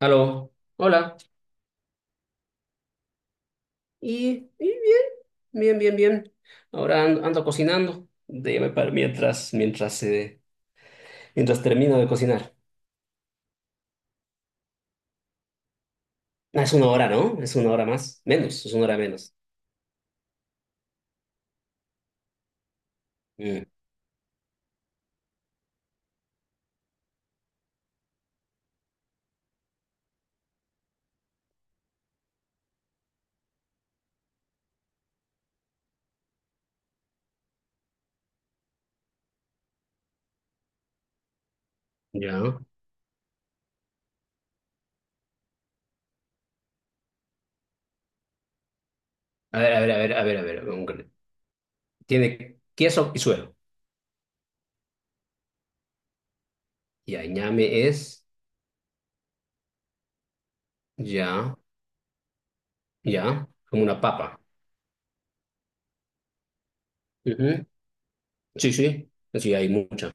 Aló, hola. Y bien, bien, bien, bien. Ahora ando cocinando. Déjame para mientras termino de cocinar. Ah, es una hora, ¿no? Es una hora más. Menos, es una hora menos. Mm. Ya. A ver, a ver, a ver, a ver, a ver. Tiene queso y suelo. Y añame es, ya, ya, como una papa. Ujú. Sí, sí. Sí, hay mucha.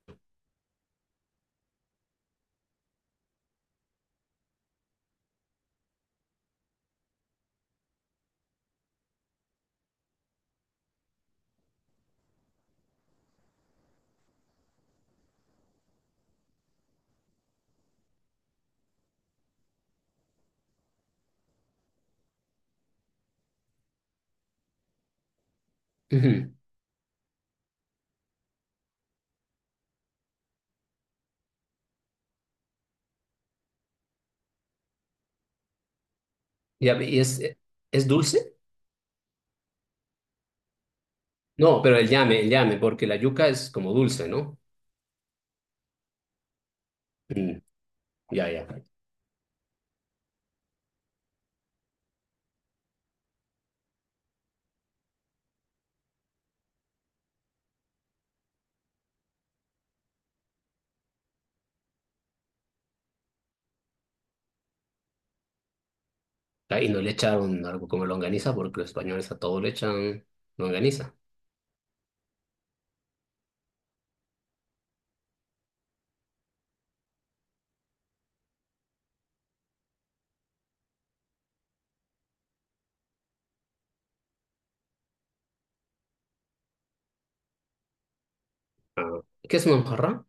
Ujú. Ya. ¿Y es dulce? No, pero el llame, porque la yuca es como dulce, ¿no? Mm. Ya, ya. Ah, ¿y no le echaron algo como longaniza porque los españoles a todo le echan longaniza? Ah. ¿Qué es una mojarra?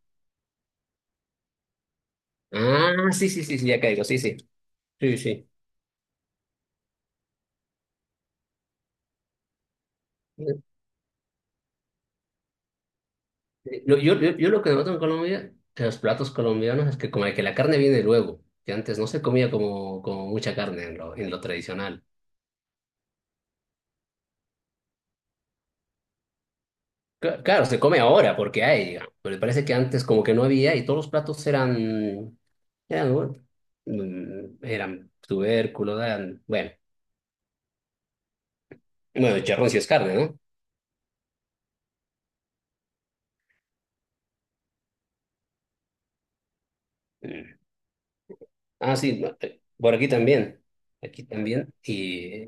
Ah, sí, sí, sí, sí, ya caigo, sí, sí. Sí, sí. Yo lo que noto en Colombia, en los platos colombianos, es que como que la carne viene luego, que antes no se comía como mucha carne en en lo tradicional. Claro, se come ahora porque hay, digamos, pero me parece que antes como que no había y todos los platos bueno, eran tubérculos, eran, bueno. Bueno, el charrón sí es carne, ¿no? Mm. Ah, sí, no, por aquí también. Aquí también. Y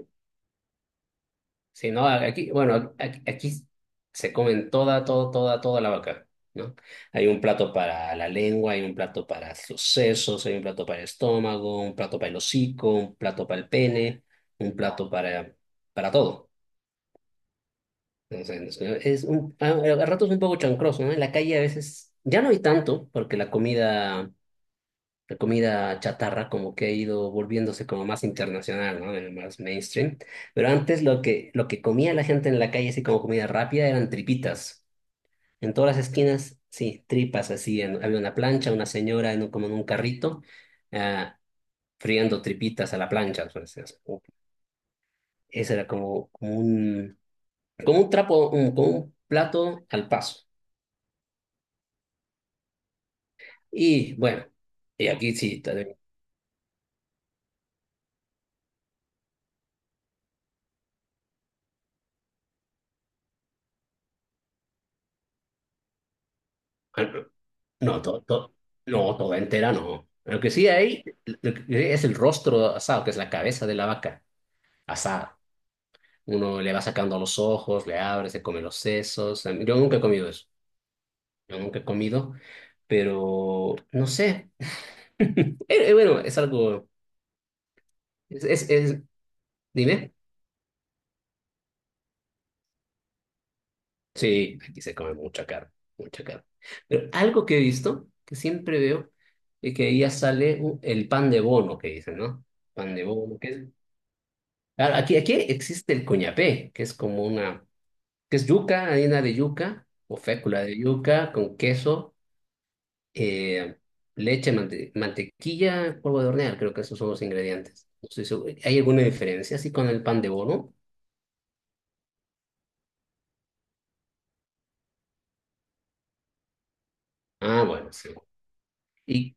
si no, aquí, bueno, aquí se comen toda la vaca, ¿no? Hay un plato para la lengua, hay un plato para los sesos, hay un plato para el estómago, un plato para el hocico, un plato para el pene, un plato para todo. Entonces, es un, a ratos un poco chancroso, ¿no? En la calle a veces ya no hay tanto, porque la comida. La comida chatarra como que ha ido volviéndose como más internacional, ¿no? Más mainstream. Pero antes lo que comía la gente en la calle, así como comida rápida, eran tripitas. En todas las esquinas, sí, tripas así. Había una plancha, una señora en como en un carrito, ah, friendo tripitas a la plancha. Ese era como, como un trapo, como un plato al paso. Y bueno, y aquí sí, también. No, no, toda entera no. Lo que sí hay lo que es el rostro asado, que es la cabeza de la vaca asada. Uno le va sacando los ojos, le abre, se come los sesos. Yo nunca he comido eso. Yo nunca he comido, pero no sé. Bueno, es algo. Es, es, es- Dime. Sí, aquí se come mucha carne, mucha carne. Pero algo que he visto, que siempre veo, es que ahí ya sale el pan de bono, que dicen, ¿no? Pan de bono, que es… Claro, aquí, aquí existe el cuñapé, que es como una, que es yuca, harina de yuca o fécula de yuca con queso, eh, leche, mantequilla, polvo de hornear, creo que esos son los ingredientes. No estoy seguro. ¿Hay alguna diferencia así con el pan de bono? Ah, bueno, sí. Y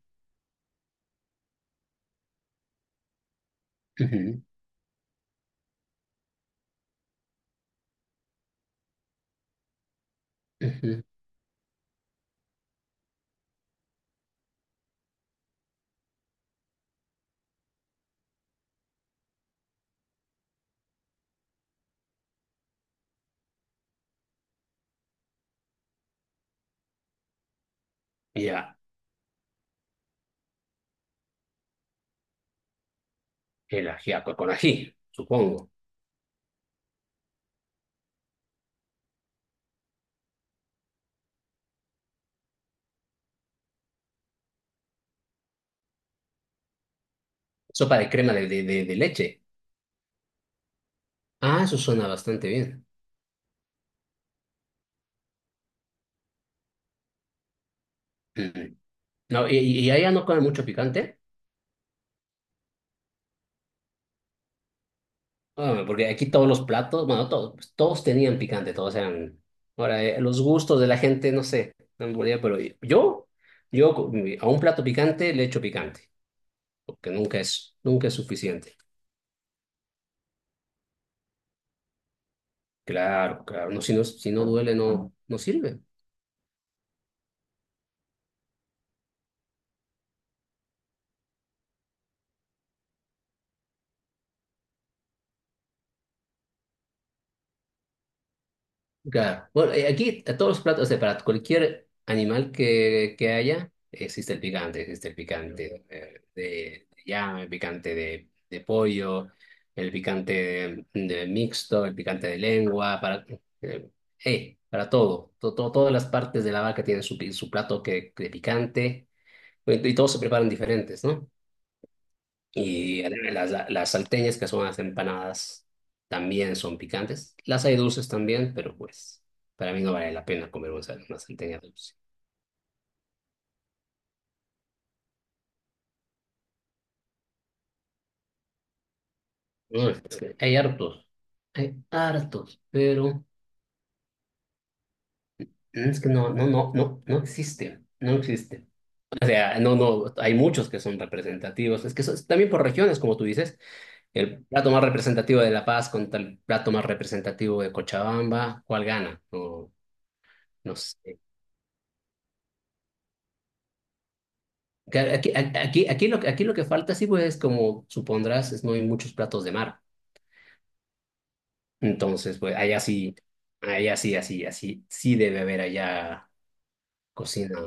ujú, ujú. Ya, el ajiaco con ají, supongo. Sopa de crema de, de leche. Ah, eso suena bastante bien. Ujú. No, y y allá, ¿no comen mucho picante? No, hombre, porque aquí todos los platos, bueno, todos, pues, todos tenían picante, todos eran… Ahora, los gustos de la gente, no sé, no me podría, pero yo, a un plato picante le echo picante, porque nunca es, nunca es suficiente. Claro, claro, no, si no, si no duele, no, no sirve. Claro. Bueno, aquí a todos los platos, o sea, para cualquier animal que haya, existe el picante, existe el picante, de llama, el picante de pollo, el picante de mixto, el picante de lengua, eh, para todo. Todas las partes de la vaca tienen su plato de picante, y todos se preparan diferentes, ¿no? Y las salteñas, que son las empanadas, también son picantes. Las hay dulces también, pero pues para mí no vale la pena comer una salteña dulce. No, es que hay hartos, pero es que no, no existe, no existe. O sea, no, no, hay muchos que son representativos. Es que eso es también por regiones, como tú dices, el plato más representativo de La Paz contra el plato más representativo de Cochabamba, ¿cuál gana? No, no sé. Claro, aquí lo que falta, sí, pues, es, como supondrás, es no hay muchos platos de mar. Entonces, pues, allá sí, así, así, sí debe haber allá cocina.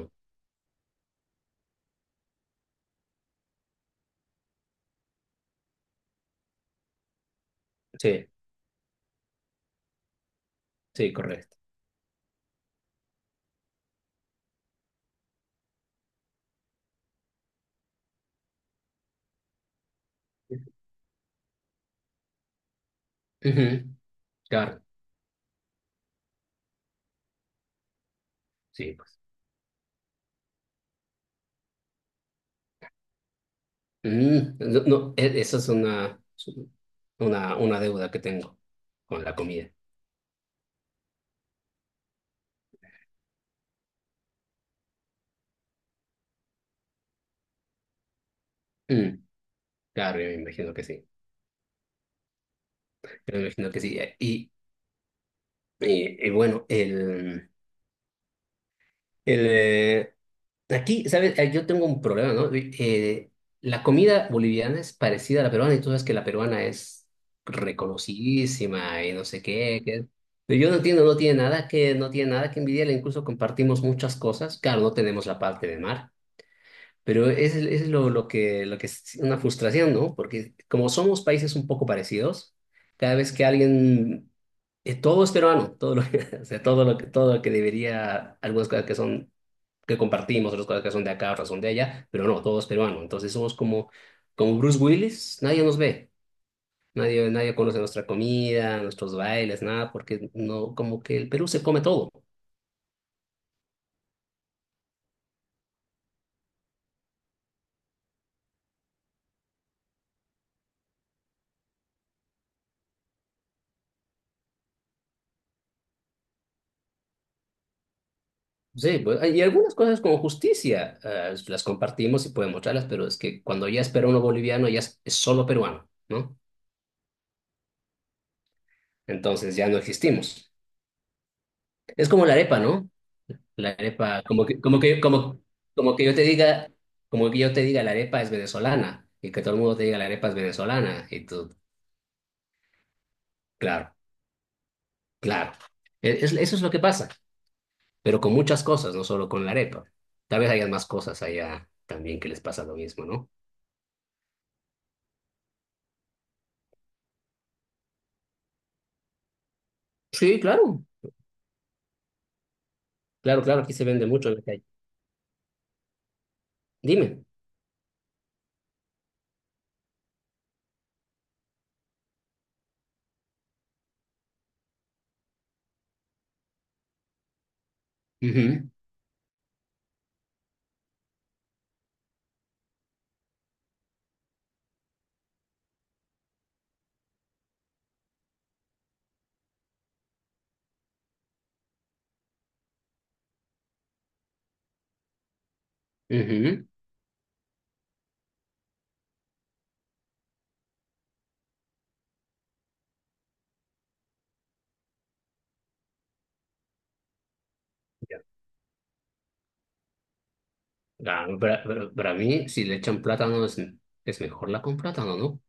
Sí, sí, correcto. Ujú. Claro, sí, pues. Mm, no, no, esa es una deuda que tengo con la comida. Mm. Claro, yo me imagino que sí. Yo me imagino que sí. Y bueno, el, eh, aquí, ¿sabes? Yo tengo un problema, ¿no? La comida boliviana es parecida a la peruana y tú sabes que la peruana es reconocidísima y no sé qué, qué. Pero yo no entiendo, no tiene nada que envidiarle, incluso compartimos muchas cosas. Claro, no tenemos la parte de mar, pero es, es lo que es una frustración, ¿no? Porque como somos países un poco parecidos, cada vez que alguien todo es peruano, todo lo que, o sea, todo lo que debería, algunas cosas que son que compartimos, otras cosas que son de acá, otras son de allá, pero no, todos peruanos. Entonces somos como, como Bruce Willis, nadie nos ve, nadie, nadie conoce nuestra comida, nuestros bailes, nada, porque no, como que el Perú se come todo. Sí, pues, y algunas cosas como justicia, las compartimos y podemos mostrarlas, pero es que cuando ya es peruano boliviano, ya es solo peruano, ¿no? Entonces ya no existimos. Es como la arepa, ¿no? La arepa, como que, como que, como, como que yo te diga, como que yo te diga la arepa es venezolana y que todo el mundo te diga la arepa es venezolana y tú, claro, claro. Eso es lo que pasa, pero con muchas cosas, no solo con la arepa. Tal vez haya más cosas allá también que les pasa lo mismo, ¿no? Sí, claro, claro, claro, aquí se vende mucho en la calle. Dime. Ujú, ujú. Ya. Ah, para mí, si le echan plátano, es mejor la con plátano, ¿no?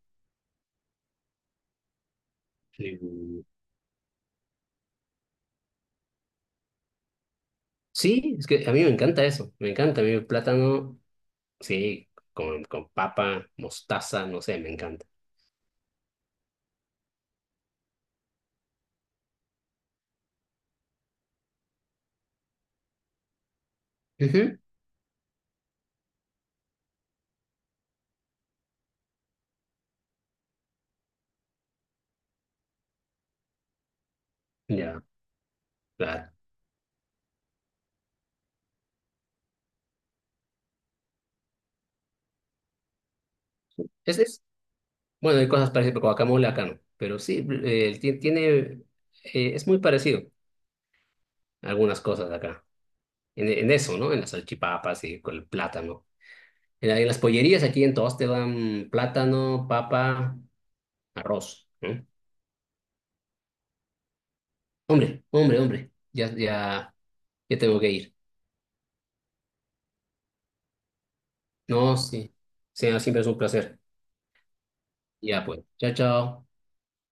Sí. Sí, es que a mí me encanta eso, me encanta, a mí el plátano, sí, con papa, mostaza, no sé, me encanta. Ujú. Ya, claro. Es, bueno, hay cosas parecidas, pero guacamole acá no, pero sí, tiene, es muy parecido a algunas cosas de acá, en eso, ¿no? En las salchipapas y con el plátano. En las pollerías aquí en todos te dan plátano, papa, arroz, ¿no? Hombre, hombre, hombre, ya, ya, ya tengo que ir. No, sí, sí, siempre es un placer. Ya pues, chao, chao.